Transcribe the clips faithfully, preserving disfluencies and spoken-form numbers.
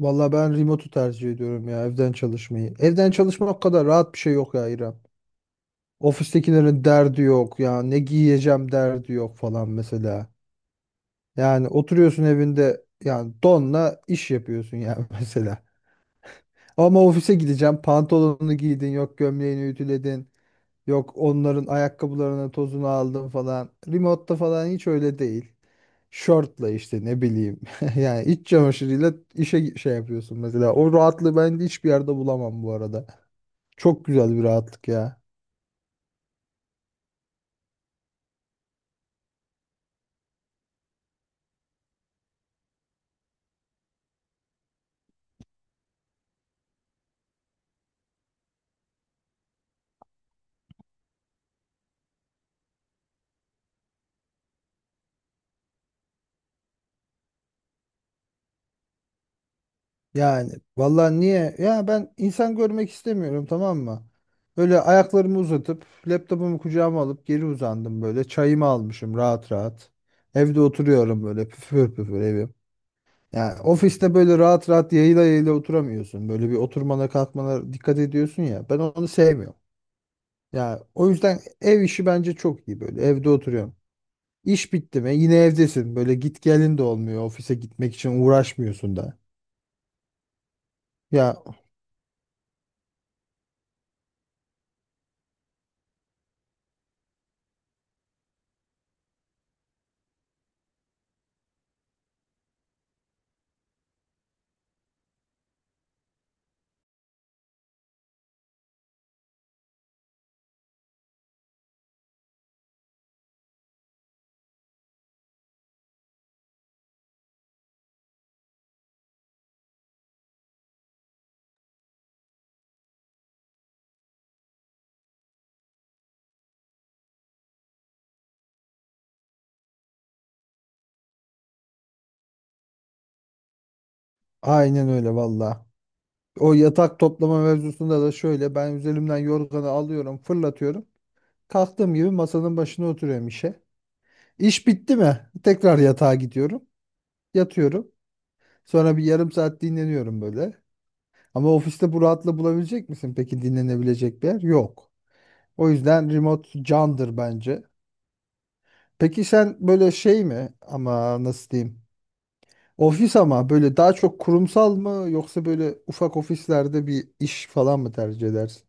Valla ben remote'u tercih ediyorum ya evden çalışmayı. Evden çalışmak kadar rahat bir şey yok ya İrem. Ofistekilerin derdi yok ya ne giyeceğim derdi yok falan mesela. Yani oturuyorsun evinde yani donla iş yapıyorsun yani mesela. Ama ofise gideceğim pantolonunu giydin yok gömleğini ütüledin yok onların ayakkabılarının tozunu aldın falan. Remote'da falan hiç öyle değil. Şortla işte ne bileyim. Yani iç çamaşırıyla işe şey yapıyorsun mesela. O rahatlığı ben de hiçbir yerde bulamam bu arada. Çok güzel bir rahatlık ya. Yani vallahi niye? Ya ben insan görmek istemiyorum tamam mı? Böyle ayaklarımı uzatıp laptopumu kucağıma alıp geri uzandım böyle. Çayımı almışım rahat rahat. Evde oturuyorum böyle püfür püfür evim. Yani ofiste böyle rahat rahat yayla yayla oturamıyorsun. Böyle bir oturmana kalkmana dikkat ediyorsun ya. Ben onu sevmiyorum. Ya o yüzden ev işi bence çok iyi böyle. Evde oturuyorsun. İş bitti mi yine evdesin. Böyle git gelin de olmuyor. Ofise gitmek için uğraşmıyorsun da. Ya aynen öyle valla. O yatak toplama mevzusunda da şöyle ben üzerimden yorganı alıyorum fırlatıyorum. Kalktığım gibi masanın başına oturuyorum işe. İş bitti mi tekrar yatağa gidiyorum. Yatıyorum. Sonra bir yarım saat dinleniyorum böyle. Ama ofiste bu rahatlığı bulabilecek misin? Peki dinlenebilecek bir yer? Yok. O yüzden remote candır bence. Peki sen böyle şey mi ama nasıl diyeyim? Ofis ama böyle daha çok kurumsal mı yoksa böyle ufak ofislerde bir iş falan mı tercih edersin?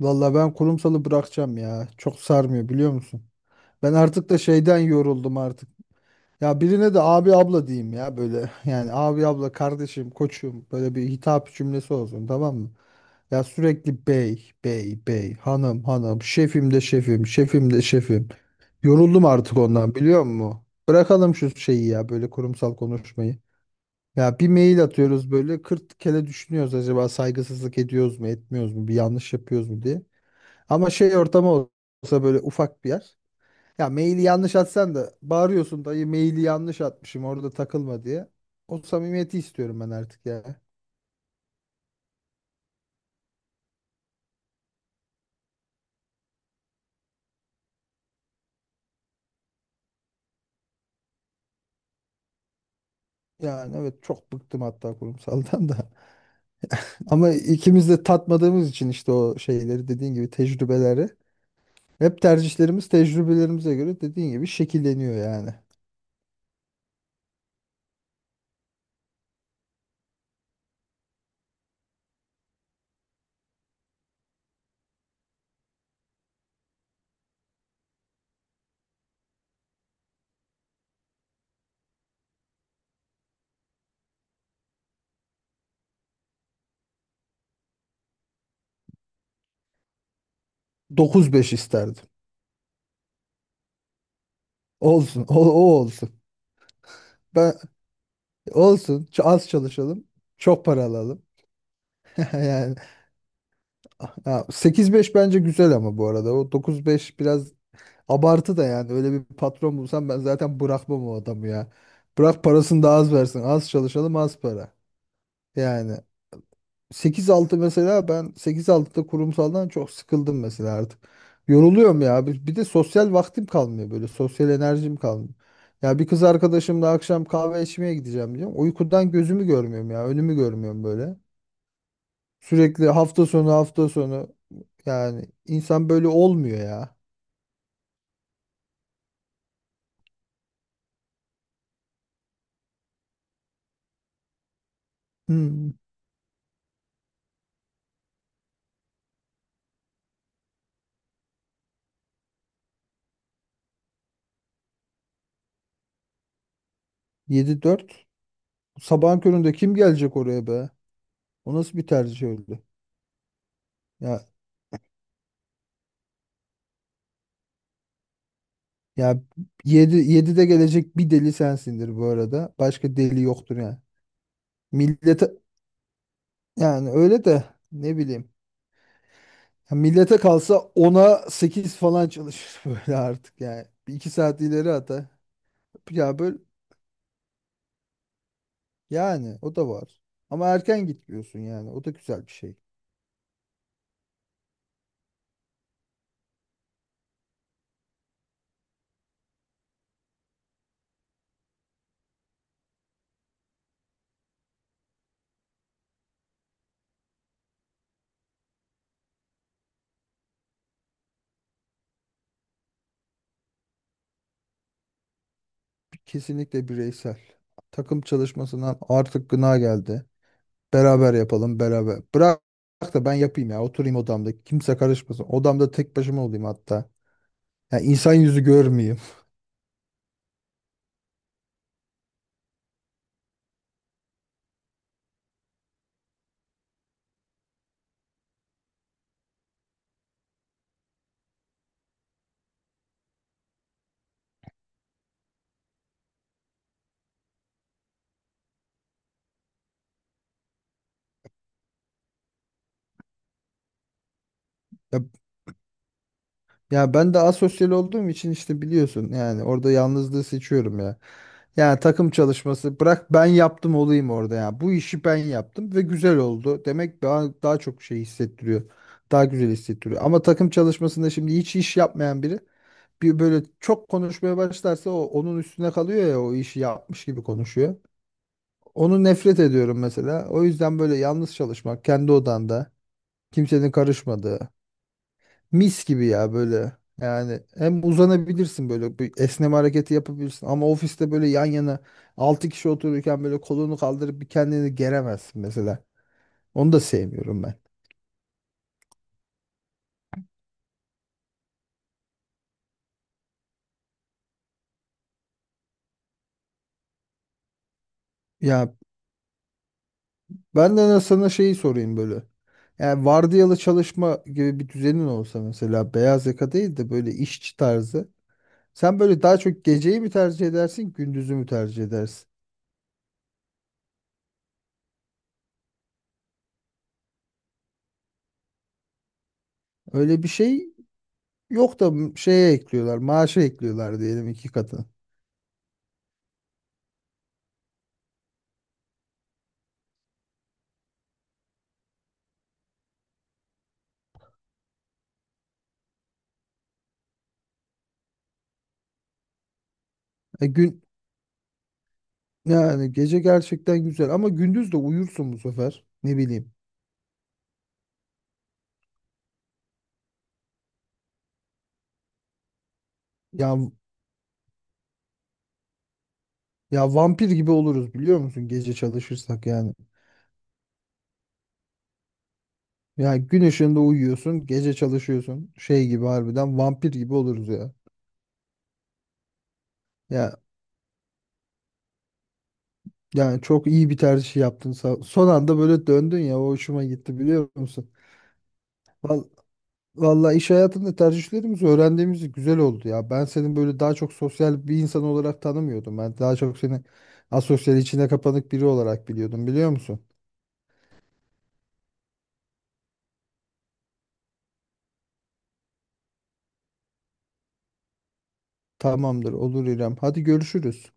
Valla ben kurumsalı bırakacağım ya. Çok sarmıyor biliyor musun? Ben artık da şeyden yoruldum artık. Ya birine de abi abla diyeyim ya böyle yani abi abla kardeşim koçum böyle bir hitap cümlesi olsun tamam mı? Ya sürekli bey bey bey hanım hanım şefim de şefim şefim de şefim. Yoruldum artık ondan biliyor musun? Bırakalım şu şeyi ya böyle kurumsal konuşmayı. Ya bir mail atıyoruz böyle kırk kere düşünüyoruz acaba saygısızlık ediyoruz mu etmiyoruz mu bir yanlış yapıyoruz mu diye. Ama şey ortamı olsa böyle ufak bir yer. Ya maili yanlış atsan da bağırıyorsun dayı maili yanlış atmışım orada takılma diye. O samimiyeti istiyorum ben artık ya. Yani evet çok bıktım hatta kurumsaldan da. Ama ikimiz de tatmadığımız için işte o şeyleri dediğin gibi tecrübeleri. Hep tercihlerimiz tecrübelerimize göre dediğin gibi şekilleniyor yani. Dokuz beş isterdim. Olsun o, o olsun. Ben olsun ç- az çalışalım çok para alalım. Yani ha, sekiz beş bence güzel ama bu arada o dokuz beş biraz abartı da yani öyle bir patron bulsam ben zaten bırakmam o adamı ya. Bırak parasını da az versin. Az çalışalım az para. Yani sekiz altı mesela ben sekiz altıda kurumsaldan çok sıkıldım mesela artık. Yoruluyorum ya. Bir bir de sosyal vaktim kalmıyor böyle. Sosyal enerjim kalmıyor. Ya bir kız arkadaşımla akşam kahve içmeye gideceğim diyorum. Uykudan gözümü görmüyorum ya. Önümü görmüyorum böyle. Sürekli hafta sonu hafta sonu yani insan böyle olmuyor ya. Hmm. yedi dörde. Sabahın köründe kim gelecek oraya be? O nasıl bir tercih öyle? Ya ya yedi yedide gelecek bir deli sensindir bu arada. Başka deli yoktur yani. Millete yani öyle de ne bileyim. Ya millete kalsa ona sekiz falan çalışır böyle artık yani. Bir iki saat ileri ata. Ya böyle yani o da var. Ama erken gitmiyorsun yani. O da güzel bir şey. Kesinlikle bireysel. Takım çalışmasından artık gına geldi. Beraber yapalım beraber. Bırak da ben yapayım ya. Oturayım odamda. Kimse karışmasın. Odamda tek başıma olayım hatta. Ya insan yüzü görmeyeyim. Ya, ya ben de asosyal olduğum için işte biliyorsun yani orada yalnızlığı seçiyorum ya. Yani takım çalışması bırak ben yaptım olayım orada ya. Bu işi ben yaptım ve güzel oldu. Demek daha, daha çok şey hissettiriyor. Daha güzel hissettiriyor. Ama takım çalışmasında şimdi hiç iş yapmayan biri bir böyle çok konuşmaya başlarsa o onun üstüne kalıyor ya o işi yapmış gibi konuşuyor. Onu nefret ediyorum mesela. O yüzden böyle yalnız çalışmak, kendi odanda, kimsenin karışmadığı, mis gibi ya böyle. Yani hem uzanabilirsin böyle bir esneme hareketi yapabilirsin ama ofiste böyle yan yana altı kişi otururken böyle kolunu kaldırıp bir kendini geremezsin mesela. Onu da sevmiyorum ben. Ya ben de sana şeyi sorayım böyle. Yani vardiyalı çalışma gibi bir düzenin olsa mesela beyaz yaka değil de böyle işçi tarzı. Sen böyle daha çok geceyi mi tercih edersin, gündüzü mü tercih edersin? Öyle bir şey yok da şeye ekliyorlar, maaşa ekliyorlar diyelim iki katı. E gün Yani gece gerçekten güzel ama gündüz de uyursun bu sefer. Ne bileyim. Ya ya vampir gibi oluruz biliyor musun gece çalışırsak yani. Ya gün ışığında uyuyorsun, gece çalışıyorsun. Şey gibi harbiden vampir gibi oluruz ya. Ya yani çok iyi bir tercih yaptın. Sa- Son anda böyle döndün ya o hoşuma gitti biliyor musun? Val- Valla iş hayatında tercihlerimizi, öğrendiğimiz güzel oldu ya. Ben senin böyle daha çok sosyal bir insan olarak tanımıyordum. Ben daha çok seni asosyal içine kapanık biri olarak biliyordum biliyor musun? Tamamdır olur İrem. Hadi görüşürüz.